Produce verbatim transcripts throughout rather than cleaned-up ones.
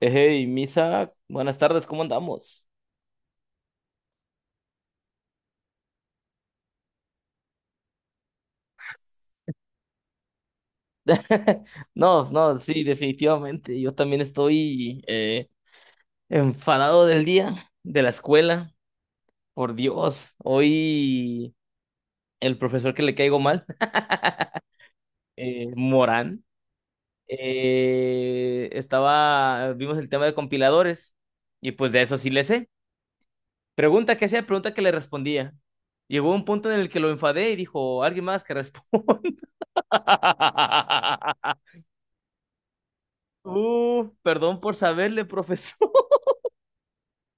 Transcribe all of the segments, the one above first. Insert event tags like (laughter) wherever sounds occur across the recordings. Hey, Misa, buenas tardes, ¿cómo andamos? (laughs) No, no, sí, definitivamente. Yo también estoy eh, enfadado del día, de la escuela. Por Dios, hoy el profesor que le caigo mal, (laughs) eh, Morán, eh, estaba, vimos el tema de compiladores y pues de eso sí le sé. Pregunta que hacía, pregunta que le respondía. Llegó un punto en el que lo enfadé y dijo, alguien más que responda. (laughs) Uh, perdón por saberle, profesor. (laughs)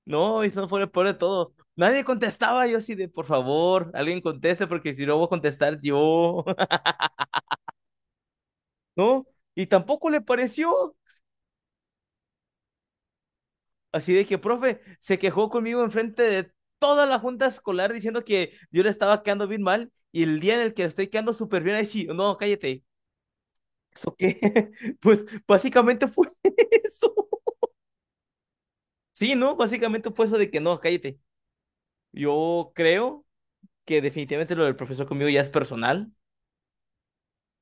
No, y eso fue el peor de todo. Nadie contestaba, yo así de, por favor, alguien conteste, porque si no voy a contestar yo. (laughs) No, y tampoco le pareció. Así de que, profe, se quejó conmigo enfrente de toda la junta escolar diciendo que yo le estaba quedando bien mal. Y el día en el que estoy quedando súper bien, ahí sí, no, cállate. ¿Eso qué? (laughs) Pues básicamente fue (laughs) eso. Sí, ¿no? Básicamente fue eso de que no, cállate. Yo creo que definitivamente lo del profesor conmigo ya es personal,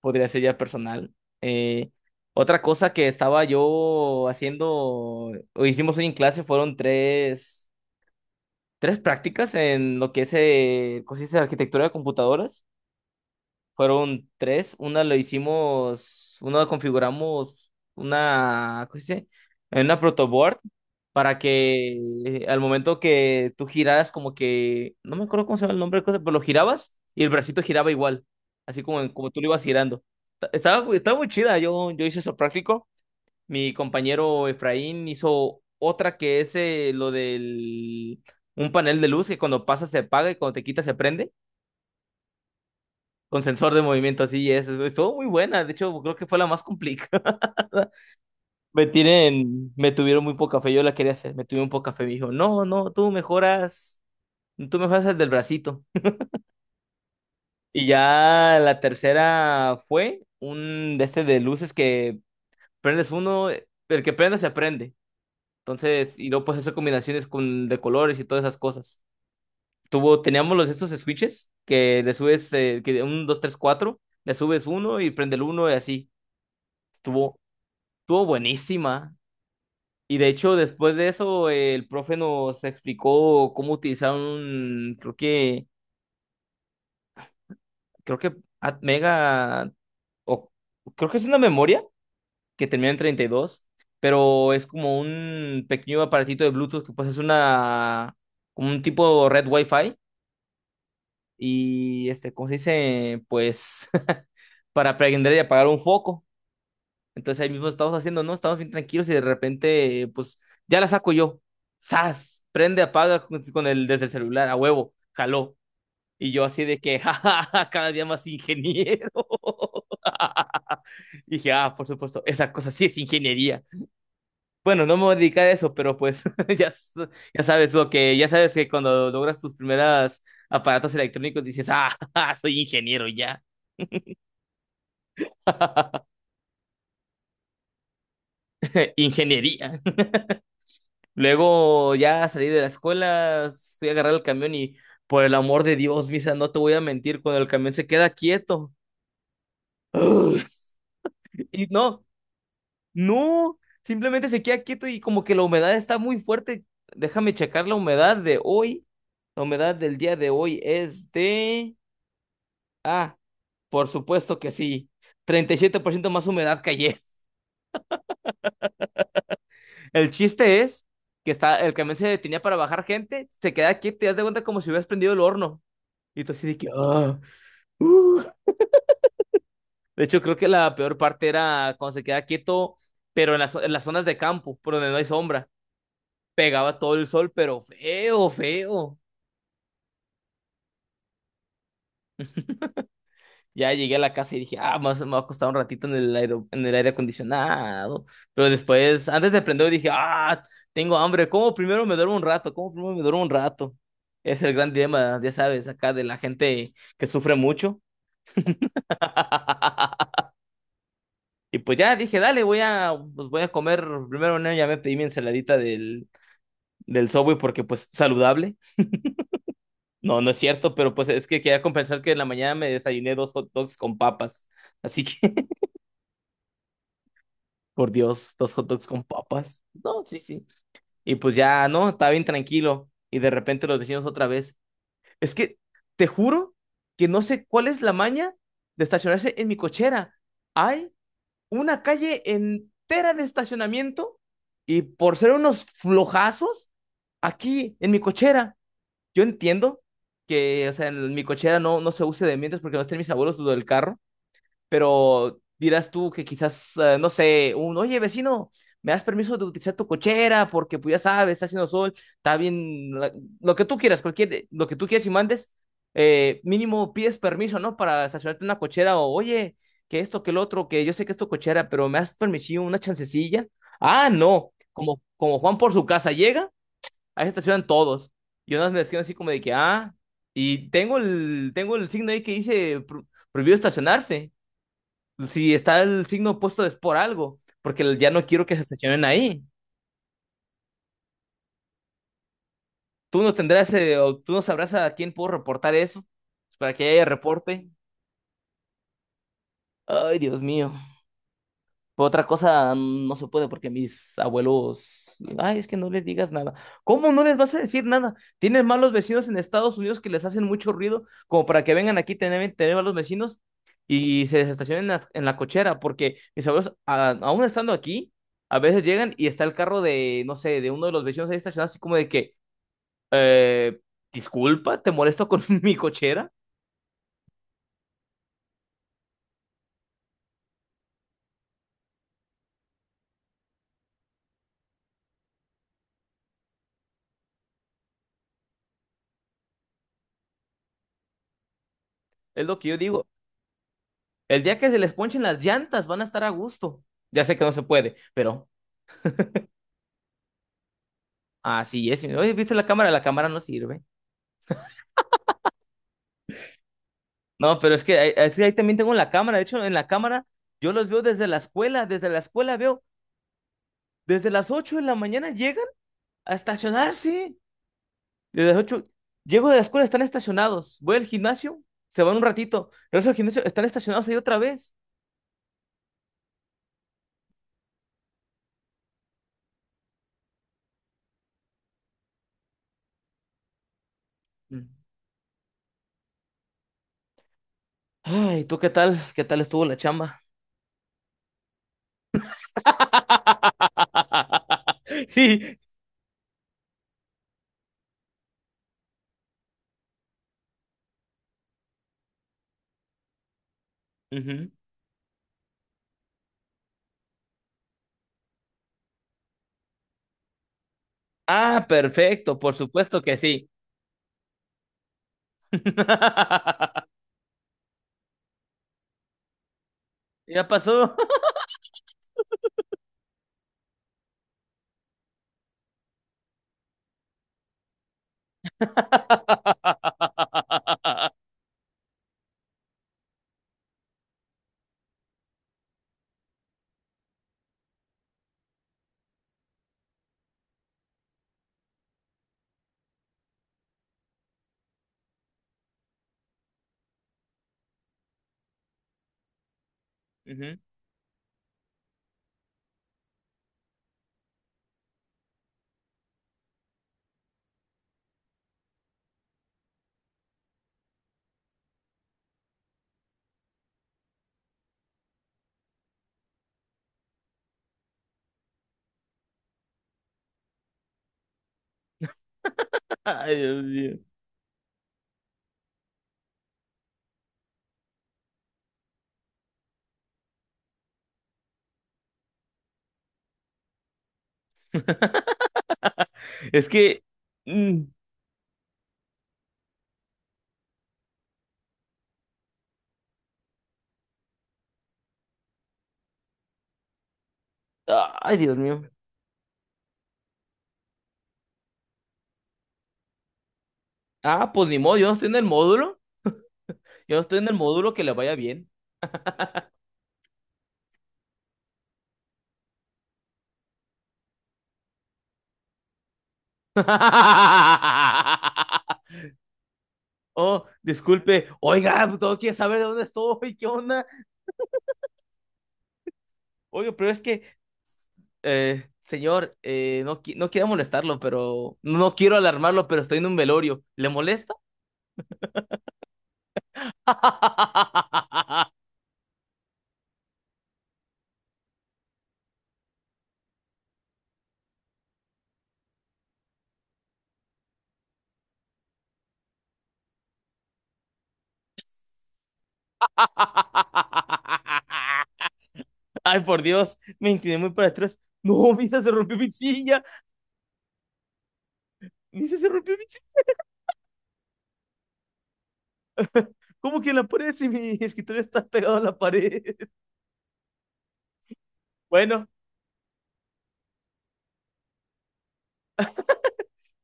podría ser ya personal. Eh, otra cosa que estaba yo haciendo, o hicimos hoy en clase, fueron tres, tres prácticas en lo que es eh, cosas de arquitectura de computadoras. Fueron tres. Una lo hicimos, una configuramos una, ¿cómo se dice? En una protoboard para que eh, al momento que tú giraras como que, no me acuerdo cómo se llama el nombre de cosa, pero lo girabas y el bracito giraba igual, así como, como tú lo ibas girando. Ta- Estaba, estaba muy chida, yo, yo hice eso práctico. Mi compañero Efraín hizo otra que es eh, lo del un panel de luz que cuando pasa se apaga y cuando te quita se prende con sensor de movimiento, así es. Estuvo muy buena, de hecho creo que fue la más complicada. (laughs) Me tienen, me tuvieron muy poca fe, yo la quería hacer, me tuvieron poca fe, me dijo, no, no, tú mejoras, tú mejoras el del bracito. Y ya la tercera fue un de este de luces que prendes uno, el que prende se aprende. Entonces, y luego pues hacer combinaciones con, de colores y todas esas cosas. Tuvo, teníamos los estos switches que le subes, eh, que un, dos, tres, cuatro, le subes uno y prende el uno y así. Estuvo Estuvo buenísima. Y de hecho, después de eso, eh, el profe nos explicó cómo utilizar un, creo que, creo que at- mega, o creo que es una memoria que termina en treinta y dos, pero es como un pequeño aparatito de Bluetooth que pues es una, como un tipo red Wi-Fi. Y este, ¿cómo se dice? Pues (laughs) para prender y apagar un foco. Entonces ahí mismo estamos haciendo, ¿no? Estamos bien tranquilos y de repente, pues, ya la saco yo. ¡Sas! Prende, apaga con, con el desde el celular, a huevo, jaló. Y yo así de que, (laughs) jajaja, cada día más ingeniero. (laughs) Y dije, ah, por supuesto, esa cosa sí es ingeniería. Bueno, no me voy a dedicar a eso, pero pues (laughs) ya, s- ya sabes lo que, ya sabes que cuando logras tus primeras aparatos electrónicos dices, ah, (laughs) soy ingeniero ya. (laughs) Ingeniería. Luego ya salí de la escuela, fui a agarrar el camión y por el amor de Dios, Misa, no te voy a mentir, cuando el camión se queda quieto. Y no, no, simplemente se queda quieto y como que la humedad está muy fuerte. Déjame checar la humedad de hoy. La humedad del día de hoy es de... ah, por supuesto que sí. Treinta y siete por ciento más humedad que ayer. El chiste es que está, el camión se detenía para bajar gente, se queda quieto y haz de cuenta como si hubieras prendido el horno. Y tú así de que... "Ah". Uh, de hecho, creo que la peor parte era cuando se queda quieto, pero en las, en las zonas de campo, por donde no hay sombra. Pegaba todo el sol, pero feo, feo. Ya llegué a la casa y dije, ah, más me va a costar un ratito en el aire, en el aire acondicionado. Pero después, antes de prender, dije, ah, tengo hambre. ¿Cómo primero me duermo un rato? ¿Cómo primero me duermo un rato? Es el gran dilema, ya sabes, acá de la gente que sufre mucho. (laughs) Y pues ya dije, dale, voy a, pues voy a comer. Primero, no, ya me pedí mi ensaladita del, del Subway porque pues saludable. No, no es cierto, pero pues es que quería compensar que en la mañana me desayuné dos hot dogs con papas. Así que, (laughs) por Dios, dos hot dogs con papas. No, sí, sí. Y pues ya, no, estaba bien tranquilo. Y de repente los vecinos otra vez. Es que, te juro que no sé cuál es la maña de estacionarse en mi cochera. Hay una calle entera de estacionamiento y por ser unos flojazos, aquí en mi cochera. Yo entiendo que, o sea, en mi cochera no, no se use de mientras porque no estén mis abuelos lo del carro, pero dirás tú que quizás, eh, no sé, un, oye, vecino, ¿me das permiso de utilizar tu cochera? Porque pues ya sabes, está haciendo sol, está bien, la- lo que tú quieras, cualquier, lo que tú quieras y mandes, eh, mínimo pides permiso, ¿no? Para estacionarte en una cochera o, oye, que esto, que el otro, que yo sé que es tu cochera, pero ¿me das permiso, una chancecilla? Ah, no, como, como Juan por su casa llega. Ahí se estacionan todos. Y unas me escriben así como de que, ah, y tengo el, tengo el signo ahí que dice pro- prohibido estacionarse. Si está el signo puesto es por algo, porque ya no quiero que se estacionen ahí. Tú no tendrás, eh, o tú no sabrás a quién puedo reportar eso, pues, para que haya reporte. Ay, Dios mío. Pero otra cosa mm, no se puede porque mis abuelos, ay, es que no les digas nada. ¿Cómo no les vas a decir nada? Tienes malos vecinos en Estados Unidos que les hacen mucho ruido, como para que vengan aquí tener, tener malos vecinos y se les estacionen en la, en la cochera, porque mis abuelos, a- aún estando aquí, a veces llegan y está el carro de, no sé, de uno de los vecinos ahí estacionado, así como de que, eh, disculpa, te molesto con (laughs) mi cochera, es lo que yo digo. El día que se les ponchen las llantas van a estar a gusto. Ya sé que no se puede, pero... Así es. Y me, Oye, ¿viste la cámara? La cámara no sirve. No, pero es que ahí, es que ahí también tengo la cámara. De hecho, en la cámara yo los veo desde la escuela. Desde la escuela veo, desde las ocho de la mañana llegan a estacionarse. Desde las ocho llego de la escuela, están estacionados. Voy al gimnasio, se van un ratito. Regreso al gimnasio, están estacionados ahí otra vez. Mm. Ay, ¿tú qué tal? ¿Qué tal estuvo la chamba? (laughs) Sí. Ujú. Ah, perfecto, por supuesto que sí. (laughs) Ya pasó. Ujú. Ay, Dios mío. Es que. mm, Ay, Dios mío. Ah, pues ni modo, yo no estoy en el módulo. Yo no estoy en el módulo que le vaya bien. (laughs) Oh, disculpe. Oiga, todo quiere saber de dónde estoy, ¿qué onda? Oye, pero es que, eh, señor, eh, no, qui- no quiero molestarlo, pero no quiero alarmarlo, pero estoy en un velorio. ¿Le molesta? (laughs) Ay, por Dios, me incliné muy para atrás. No, (laughs) Misa se rompió mi silla. Misa se rompió mi silla. ¿Cómo que en la pared si mi (laughs) escritorio está pegado a la pared? Bueno,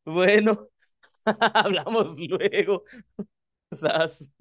bueno, (laughs) hablamos luego. Sas.